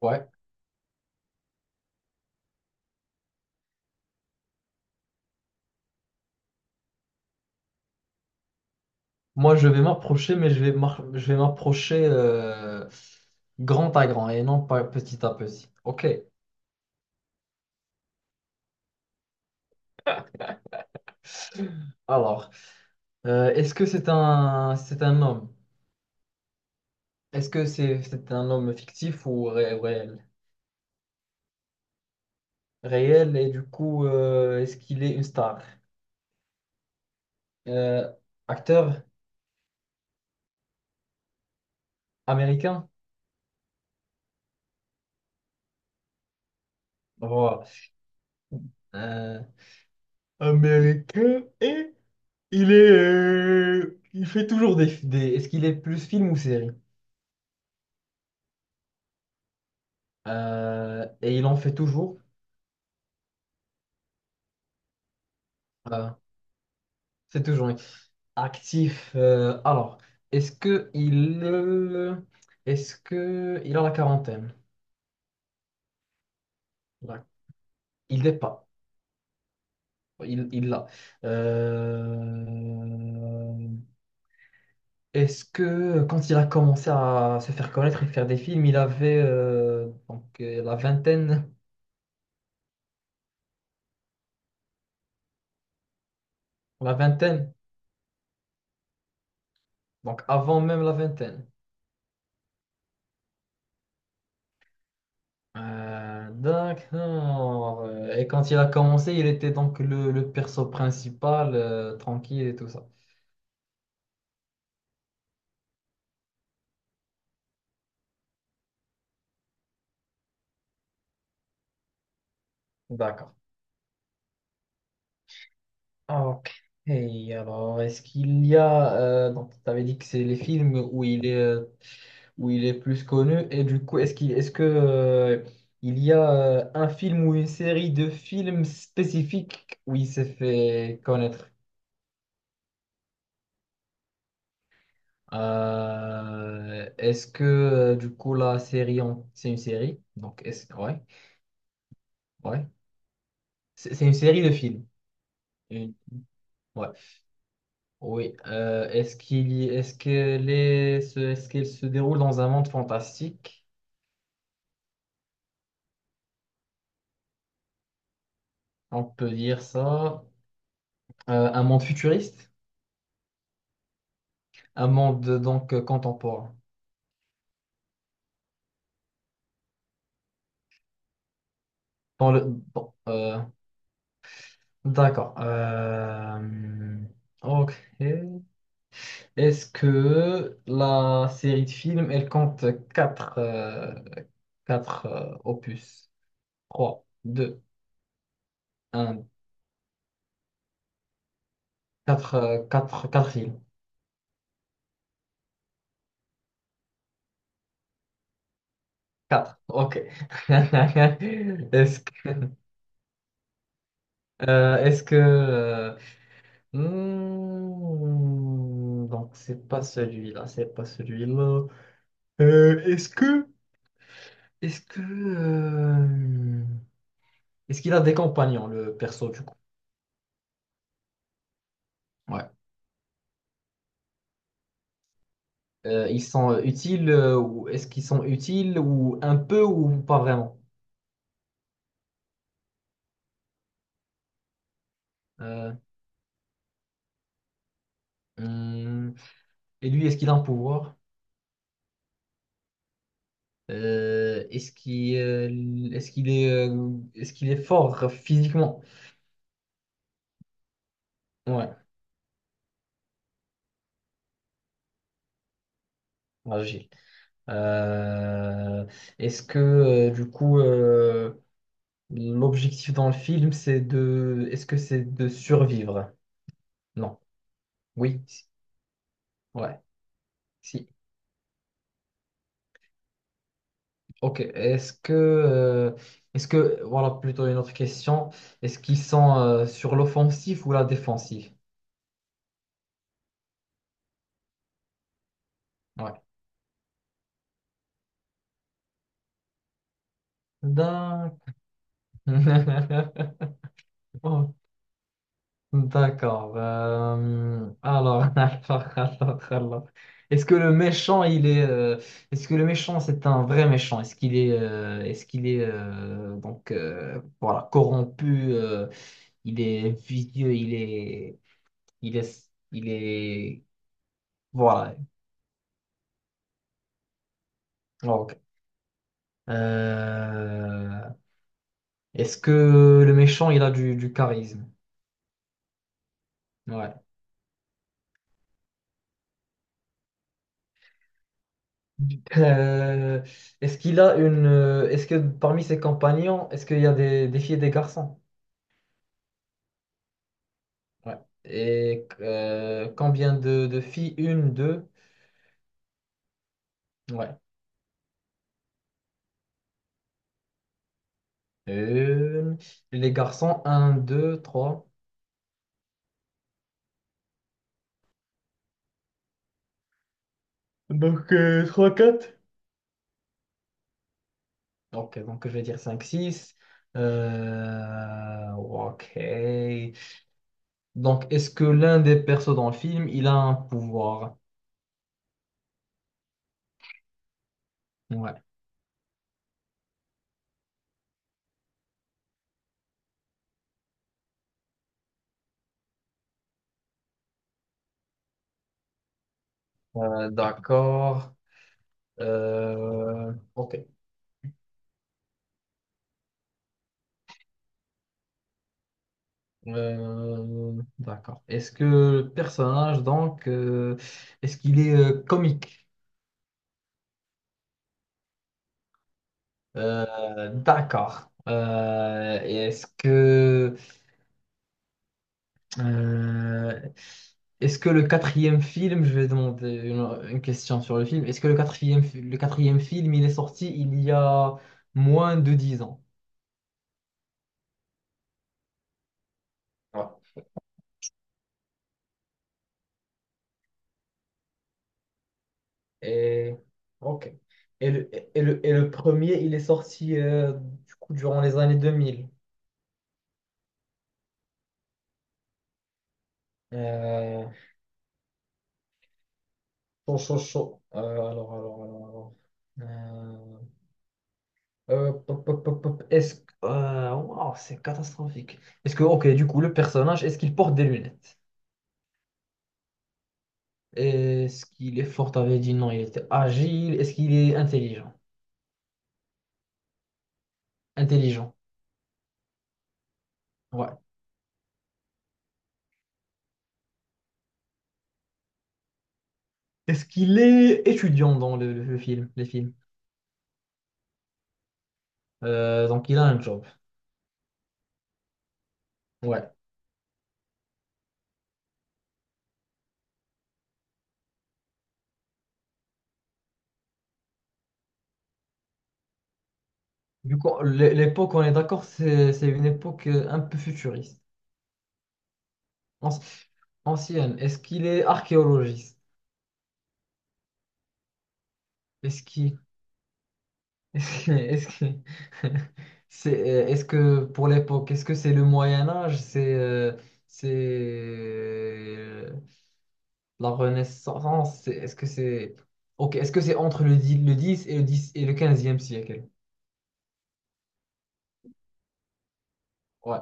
Ouais. Moi, je vais m'approcher, mais je vais m'approcher grand à grand et non pas petit à petit. Ok. Alors, est-ce que c'est un homme? Est-ce que c'est un homme fictif ou réel? Réel, et du coup, est-ce qu'il est une star? Euh, acteur américain? Voilà. Euh, américain et il est, il fait toujours Est-ce qu'il est plus film ou série? Et il en fait toujours. Euh, c'est toujours lui. Actif. Alors, est-ce que il a la quarantaine? Là. Il n'est pas. Il l'a. Euh, est-ce que quand il a commencé à se faire connaître et faire des films, il avait donc la vingtaine, la vingtaine, donc avant même la vingtaine. D'accord. Et quand il a commencé, il était donc le perso principal, tranquille et tout ça. D'accord. Ah, ok. Et alors, est-ce qu'il y a... donc, tu avais dit que c'est les films où il est plus connu. Et du coup, est-ce qu'il, est-ce que, il y a un film ou une série de films spécifiques où il s'est fait connaître? Est-ce que, du coup, c'est une série? Ouais, ouais. C'est une série de films. Une- Ouais. Oui. Est-ce qu'il y- est-ce qu'elle est, ce- est-ce qu'elle se déroule dans un monde fantastique? On peut dire ça. Un monde futuriste? Un monde donc contemporain. Dans le, bon, d'accord. Ok. Est-ce que la série de films, elle compte 4 quatre, opus? Trois, deux, un. Quatre quatre films. 4. Ok. Est-ce que... Euh, est-ce que... euh, donc, c'est pas celui-là, c'est pas celui-là. Euh, est-ce que... Est-ce que... euh, est-ce qu'il a des compagnons, le perso, du coup? Ouais. Ils sont utiles ou est-ce qu'ils sont utiles ou un peu ou pas vraiment? Euh, hmm, et lui, est-ce qu'il a un pouvoir? Est-ce qu'il est fort physiquement? Ouais, agile. Euh, est-ce que l'objectif dans le film c'est de est-ce que c'est de survivre? Non. Oui. Si. Ouais. Si. Ok. Est-ce que voilà plutôt une autre question. Est-ce qu'ils sont sur l'offensive ou la défensive? Ouais. D'accord. Ok. D'accord. Alors, alors, alors. Est-ce que le méchant, il est, euh, Est-ce que le méchant, c'est un vrai méchant? Est-ce qu'il est, donc, voilà, corrompu, il est vicieux, il est, il est, voilà. Ok. Euh, est-ce que le méchant, il a du charisme? Ouais. Euh, est-ce qu'il a une. Est-ce que parmi ses compagnons, est-ce qu'il y a des filles et des garçons? Ouais. Et combien de filles? Une, deux. Ouais. Une. Les garçons, un, deux, trois. Donc, 3-4. Ok, donc je vais dire 5, 6. Ok. Donc, est-ce que l'un des persos dans le film, il a un pouvoir? Ouais. D'accord. Ok. D'accord. Est-ce que le personnage, donc, est-ce qu'il est comique? D'accord. Et euh, est-ce que le quatrième film, je vais demander une question sur le film, est-ce que le quatrième film, il est sorti il y a moins de 10 ans? Ouais. Et, ok. Et et le premier, il est sorti du coup, durant les années 2000. Euh, Chaud, chaud, chaud. Alors, alors. Hop, hop, hop, hop, hop. Est-ce que. Wow, c'est catastrophique. Ok, du coup, le personnage, est-ce qu'il porte des lunettes? Est-ce qu'il est fort? T'avais dit non, il était agile. Est-ce qu'il est intelligent? Intelligent, ouais. Est-ce qu'il est étudiant dans le film, les films? Donc, il a un job. Ouais. Du coup, l'époque, on est d'accord, c'est une époque un peu futuriste. Anci- Ancienne. Est-ce qu'il est archéologiste? Est-ce qu'il est-ce que, est-ce que pour l'époque, est-ce que c'est le Moyen Âge, c'est la Renaissance, c'est- est-ce que c'est ok, est-ce que c'est entre le 10 et le 15e siècle? Ouais.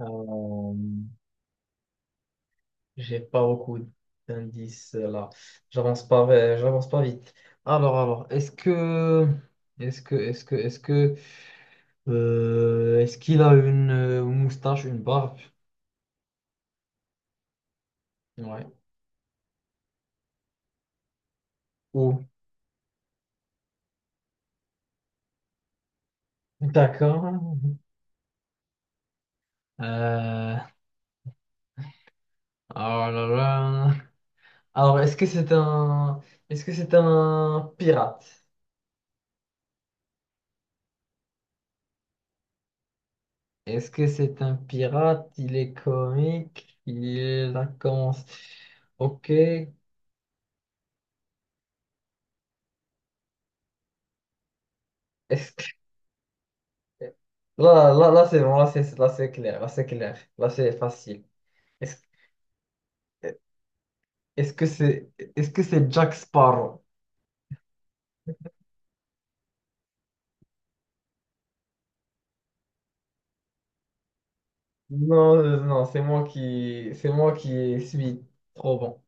Euh, j'ai pas beaucoup d'indices là. J'avance pas vite. Alors, est-ce que est-ce qu'il a une moustache, une barbe? Ouais. D'accord. Euh, oh là là. Alors, est-ce que c'est un pirate? Est-ce que c'est un pirate? Il est comique. Il a commencé. Ok. Est-ce que là, là, là, c'est bon. Là, c'est clair. Là, c'est clair. Là, c'est facile. Est-ce, est-ce que c'est Jack Sparrow? Non, non, c'est moi qui suis trop bon.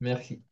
Merci.